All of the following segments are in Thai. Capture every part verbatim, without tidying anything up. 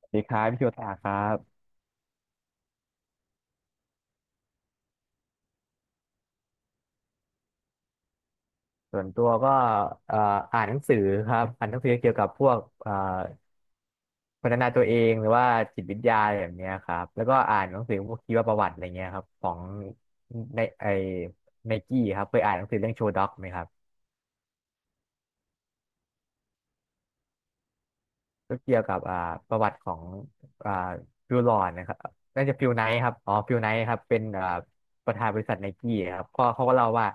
สวัสดีครับพี่โยตาครับส่วนตัวก็เอ่ออ่านหนังสือครับอ่านหนังสือเกี่ยวกับพวกเอ่อพัฒนาตัวเองหรือว่าจิตวิทยาอะไรแบบเนี้ยครับแล้วก็อ่านหนังสือพวกชีวประวัติอะไรเงี้ยครับของในไอไนกี้ครับเคยอ่านหนังสือเรื่องโชว์ด็อกไหมครับ ก็เกี่ยวกับอ่าประวัติของอ่าฟิวลอนนะครับน่าจะฟิลไนท์ครับอ๋อฟิลไนท์ครับเป็นอ่าประธานบริษัทไนกี้ครับก็เขาก็เล่าว่า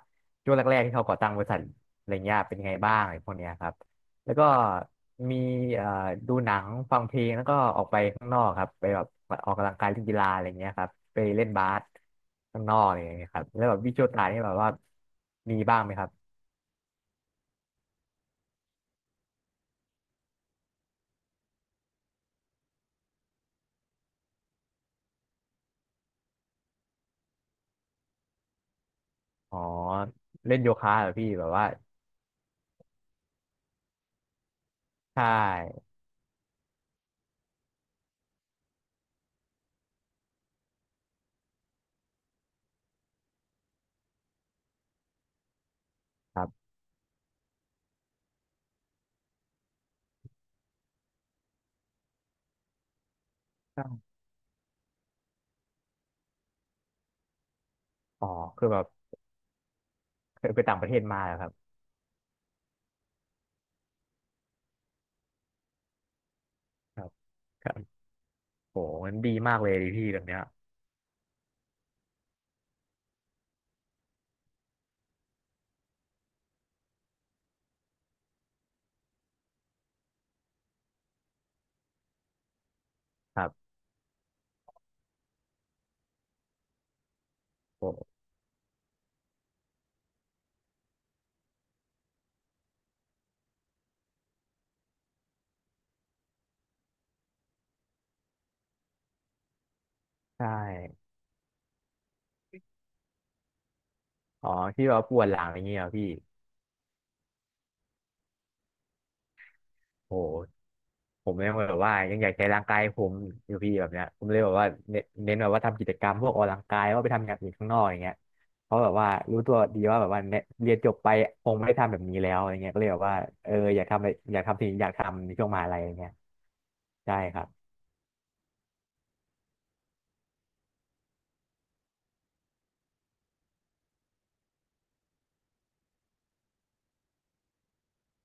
ช่วงแรกๆที่เขาก่อตั้งบริษัทอะไรเงี้ยเป็นไงบ้างอะไรพวกเนี้ยครับแล้วก็มีอ่าดูหนังฟังเพลงแล้วก็ออกไปข้างนอกครับไปแบบออกกำลังกายเล่นกีฬาอะไรเงี้ยครับไปเล่นบาสข้างนอกอะไรเงี้ยครับแล้วแบบวิชวลตานี่แบบว่ามีบ้างไหมครับอ๋อเล่นโยคะเหรอพี่แบบว่าใช่ครับ อ๋อคือแบบเคยไปต่างประเทศมาเหรอครับครับครับโหมันดีมากเลยดิพี่แบบเนี้ยครับโหใช่อ๋อที่แบาปวดหลังอย่างเงี้ยเหรอพี่โหผมยังแบบว่ายังอยากใช้ร่างกายผมอยู่พี่แบบเนี้ยผมเลยแบบว่าเน้นเน้นแบบว่าทำกิจกรรมพวกออกกำลังกายว่าไปทำอย่างอื่นข้างนอกอย่างเงี้ยเพราะแบบว่ารู้ตัวดีว่าแบบว่าเนี่ยเรียนจบไปคงไม่ได้ทำแบบนี้แล้วอะไรเงี้ยก็เลยแบบว่าเอออยากทำอะไรอยากทำสิ่งที่อยากทำในช่วงมหาลัยอย่างเงี้ยใช่ครับ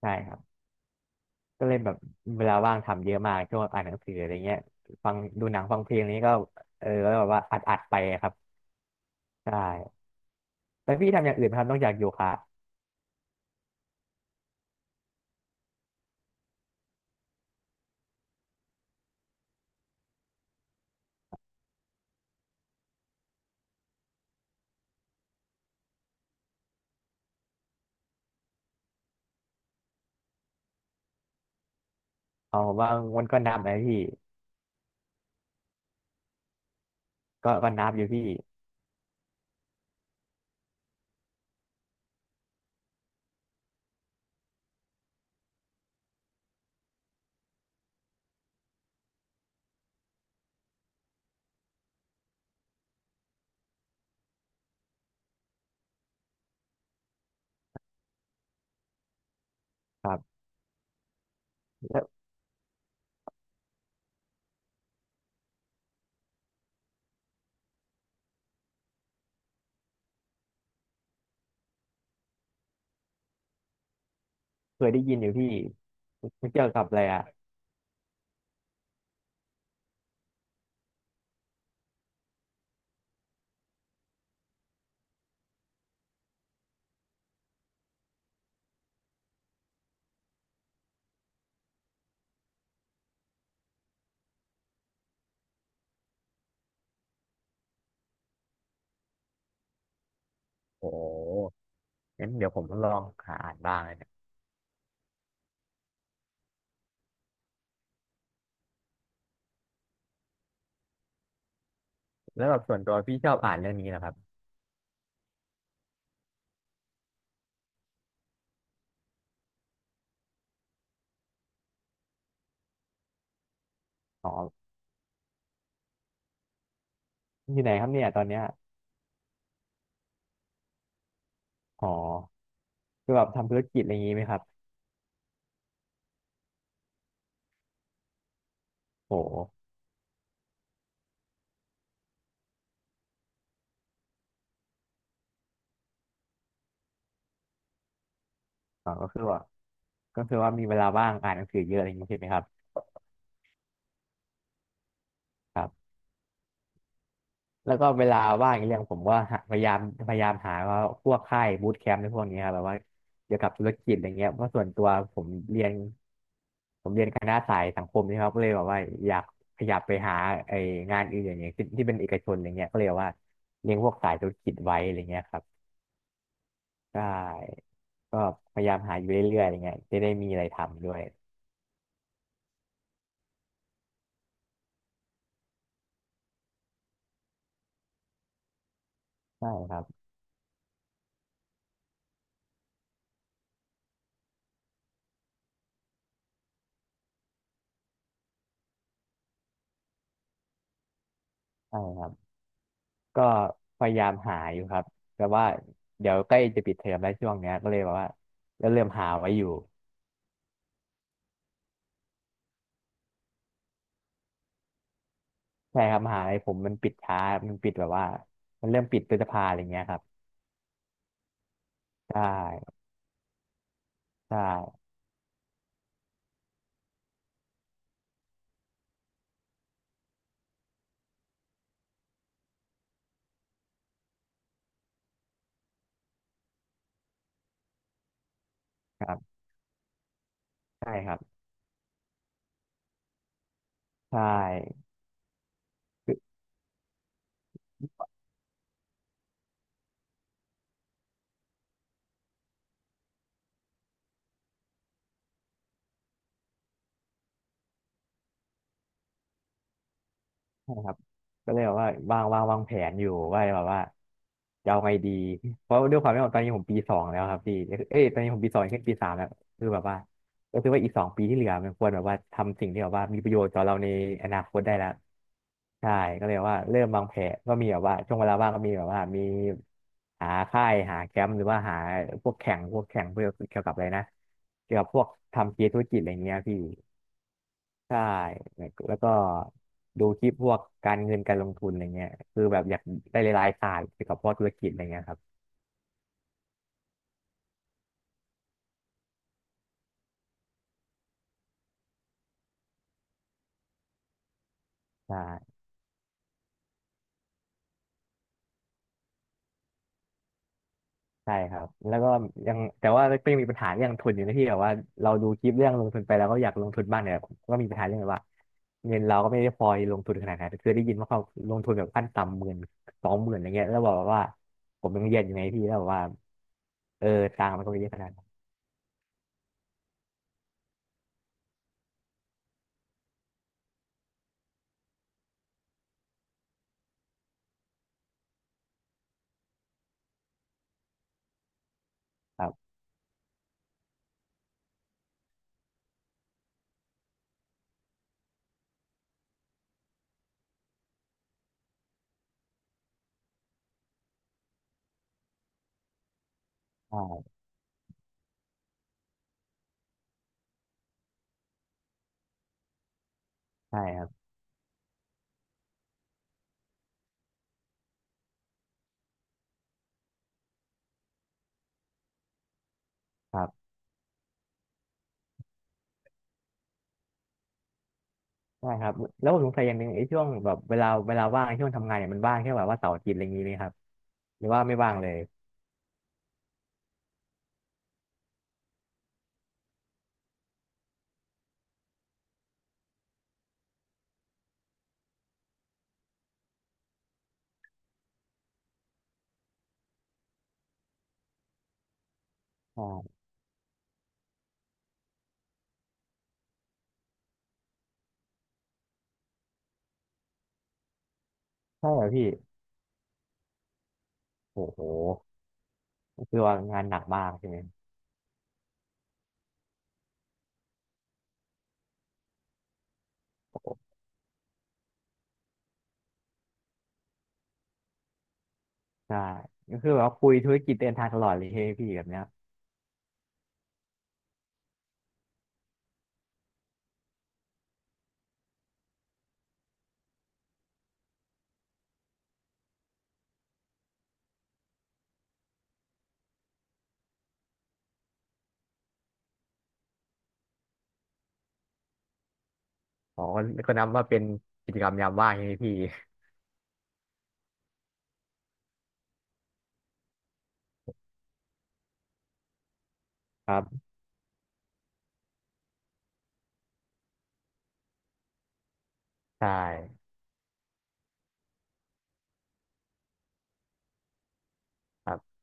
ใช่ครับ ก็เลยแบบเวลาว่างทำเยอะมากช่วงอ่านหนังสืออะไรเงี้ยฟังดูหนังฟังเพลงอะไรเงี้ยก็เออแล้วแบบว่าอัดอัดไปครับใช่แล้วพี่ทำอย่างอื่นไหมครับนอกจากโยคะอ๋อผมว่ามันก็นับนะพี่ก็ก็นับอยู่พี่ครับแล้วเคยได้ยินอยู่พี่ไม่เกี่ยวกับอะไรอ่ะโอ้งั้นเดี๋ยวผมต้องลองหาอ่านบ้างนะเนี่ยแล้วแบบส่วนตัวพี่ชอบอ่านเรื่องนี้นะครับอ๋ออยู่ไหนครับเนี่ยตอนเนี้ยอ๋อคือแบบทำธุรกิจอะไรอย่างงี้ไหมครับโอ้โหอ๋อก็คือว่าก็คือว่ามีเวลาว่างอ่านหนังสือเยอะอะไรอย่างงี้ใช่ไหมครับ ครับแล้วก็เวลาว่างอีกเรื่องผมก็หาพยายามพยายามหาว่าพวกค่ายบูตแคมป์ในพวกนี้ครับแบบว่าเกี่ยวกับธุรกิจอะไรเงี้ยเพราะส่วนตัวผมเรียนเป็นคณะสายสังคมนี่ครับก็เลยแบบว่าอยากขยับไปหาไองานอื่นอย่างเงี้ยที่ที่เป็นเอกชนอะไรเงี้ยก็เลยแบบว่าเรียนพวกสายธุรกิจไว้อะไรเงี้ยครับใช่ก็พยายามหาอยู่เรื่อยๆอะไรเงี้ยจะได้มีอะไรทำด้วยใช่ครับใช่ครับก็พยายามหาอยู่ครับแต่ว่าเดี๋ยวใกล้จะปิดเทอมแล้วช่วงเนี้ยก็เลยแบบว่าก็เริ่มหาไว้อยู่ ใช่ครับมหาลัยผมมันปิดช้ามันปิดแบบว่ามันเริ่มปิดพฤษภาอะไรเงี้ยครับใช่ใช่ครับใช่ครับใช่ ใช่ครับก็เลยแบบว่าวางวางวางแผนอยู่ว่าแบบว่าจะเอาไงดีเพราะด้วยความที่าตอนนี้ผมปีสองแล้วครับพี่เอ้ยตอนนี้ผมปีสองขึ้นปีสามแล้วคือแบบว่าก็คือว่าอีกสองปีที่เหลือมันควรแบบว่าทำสิ่งที่แบบว่ามีประโยชน์ต่อเราในอนาคตได้แล้วใช่ก็เลยว่าเริ่มวางแผนก็มีแบบว่าช่วงเวลาว่างก็มีแบบว่ามีหาค่ายหาแคมป์หรือว่าหาพวกแข่งพวกแข่งเพื่อเกี่ยวกับอะไรนะเกี่ยวกับพวกทำเกมธุรกิจอะไรเงี้ยพี่ ใช่แล้วแล้วก็ดูคลิปพวกการเงินการลงทุนอะไรเงี้ยคือแบบอยากได้รายๆศาสตร์เกี่ยวกับพวกธุรกิจอะไรเงี้ยครับใช่ใช่ครับแล้วก็ยังแต่ว่าก็ยังมีปัญหาเรื่องทุนอยู่นะที่แบบว่าเราดูคลิปเรื่องลงทุนไปแล้วก็อยากลงทุนบ้างเนี่ยก็มีปัญหาเรื่องแบบว่าเงินเราก็ไม่ได้พอลงทุนขนาดนั้นคือได้ยินว่าเขาลงทุนแบบขั้นต่ำหมื่นสองหมื่นอะไรเงี้ยแล้วบอกว่าผมยังเรียนอยู่ไงพี่แล้วบอกว่าเออตังค์มันก็ไม่เยอะขนาดนั้นครับใช่ใช่ครับ ใช่ครับแล้วผมสงสัยอย่างหนึ่งไอ้ช่วงแบบเวลาเวลาว่างช่วงทำงานเนี่ยมันว่างแค่แบบว่าเสาร์อาทิตย์อะไรอย่างนี้ไหมครับหรือว่าไม่ว่างเลยใช่ใช่เหรอพี่โอ้โหก็คือว่างานหนักมากใช่ไหมโอ้โหใช่ก็คือแบบว่าคุยธุรกิจเดินทางตลอดเลยใช่ไหมพี่แบบเนี้ยอ๋อก็ก็นับว่าเป็นกิจกรรมยามว่างใช่ไหมพี่ครับใช่ครับ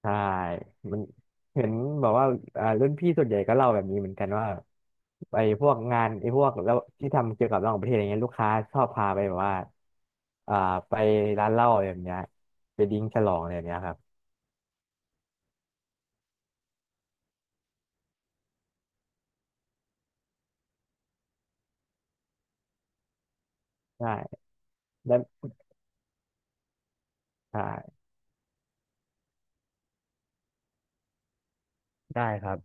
ใช่มันเห็นแบบว่าอ่ารุ่นพี่ส่วนใหญ่ก็เล่าแบบนี้เหมือนกันว่าไอ้พวกงานไอ้พวกแล้วที่ทำเกี่ยวกับต่างประเทศอะไรเงี้ยลูกค้าชอบพาไปแบบว่าอ่า ไปร้านเหล้าอะไรแบบเนี้ยไปดิ้งฉลองอะไรแบบเนี้ยครับใช่แล้วใช่ได้ครับ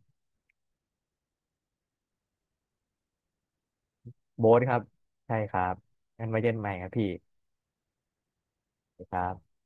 โบ๊ทครับใช่ครับงั้นไว้เจอกันใหม่ครับพี่ครับ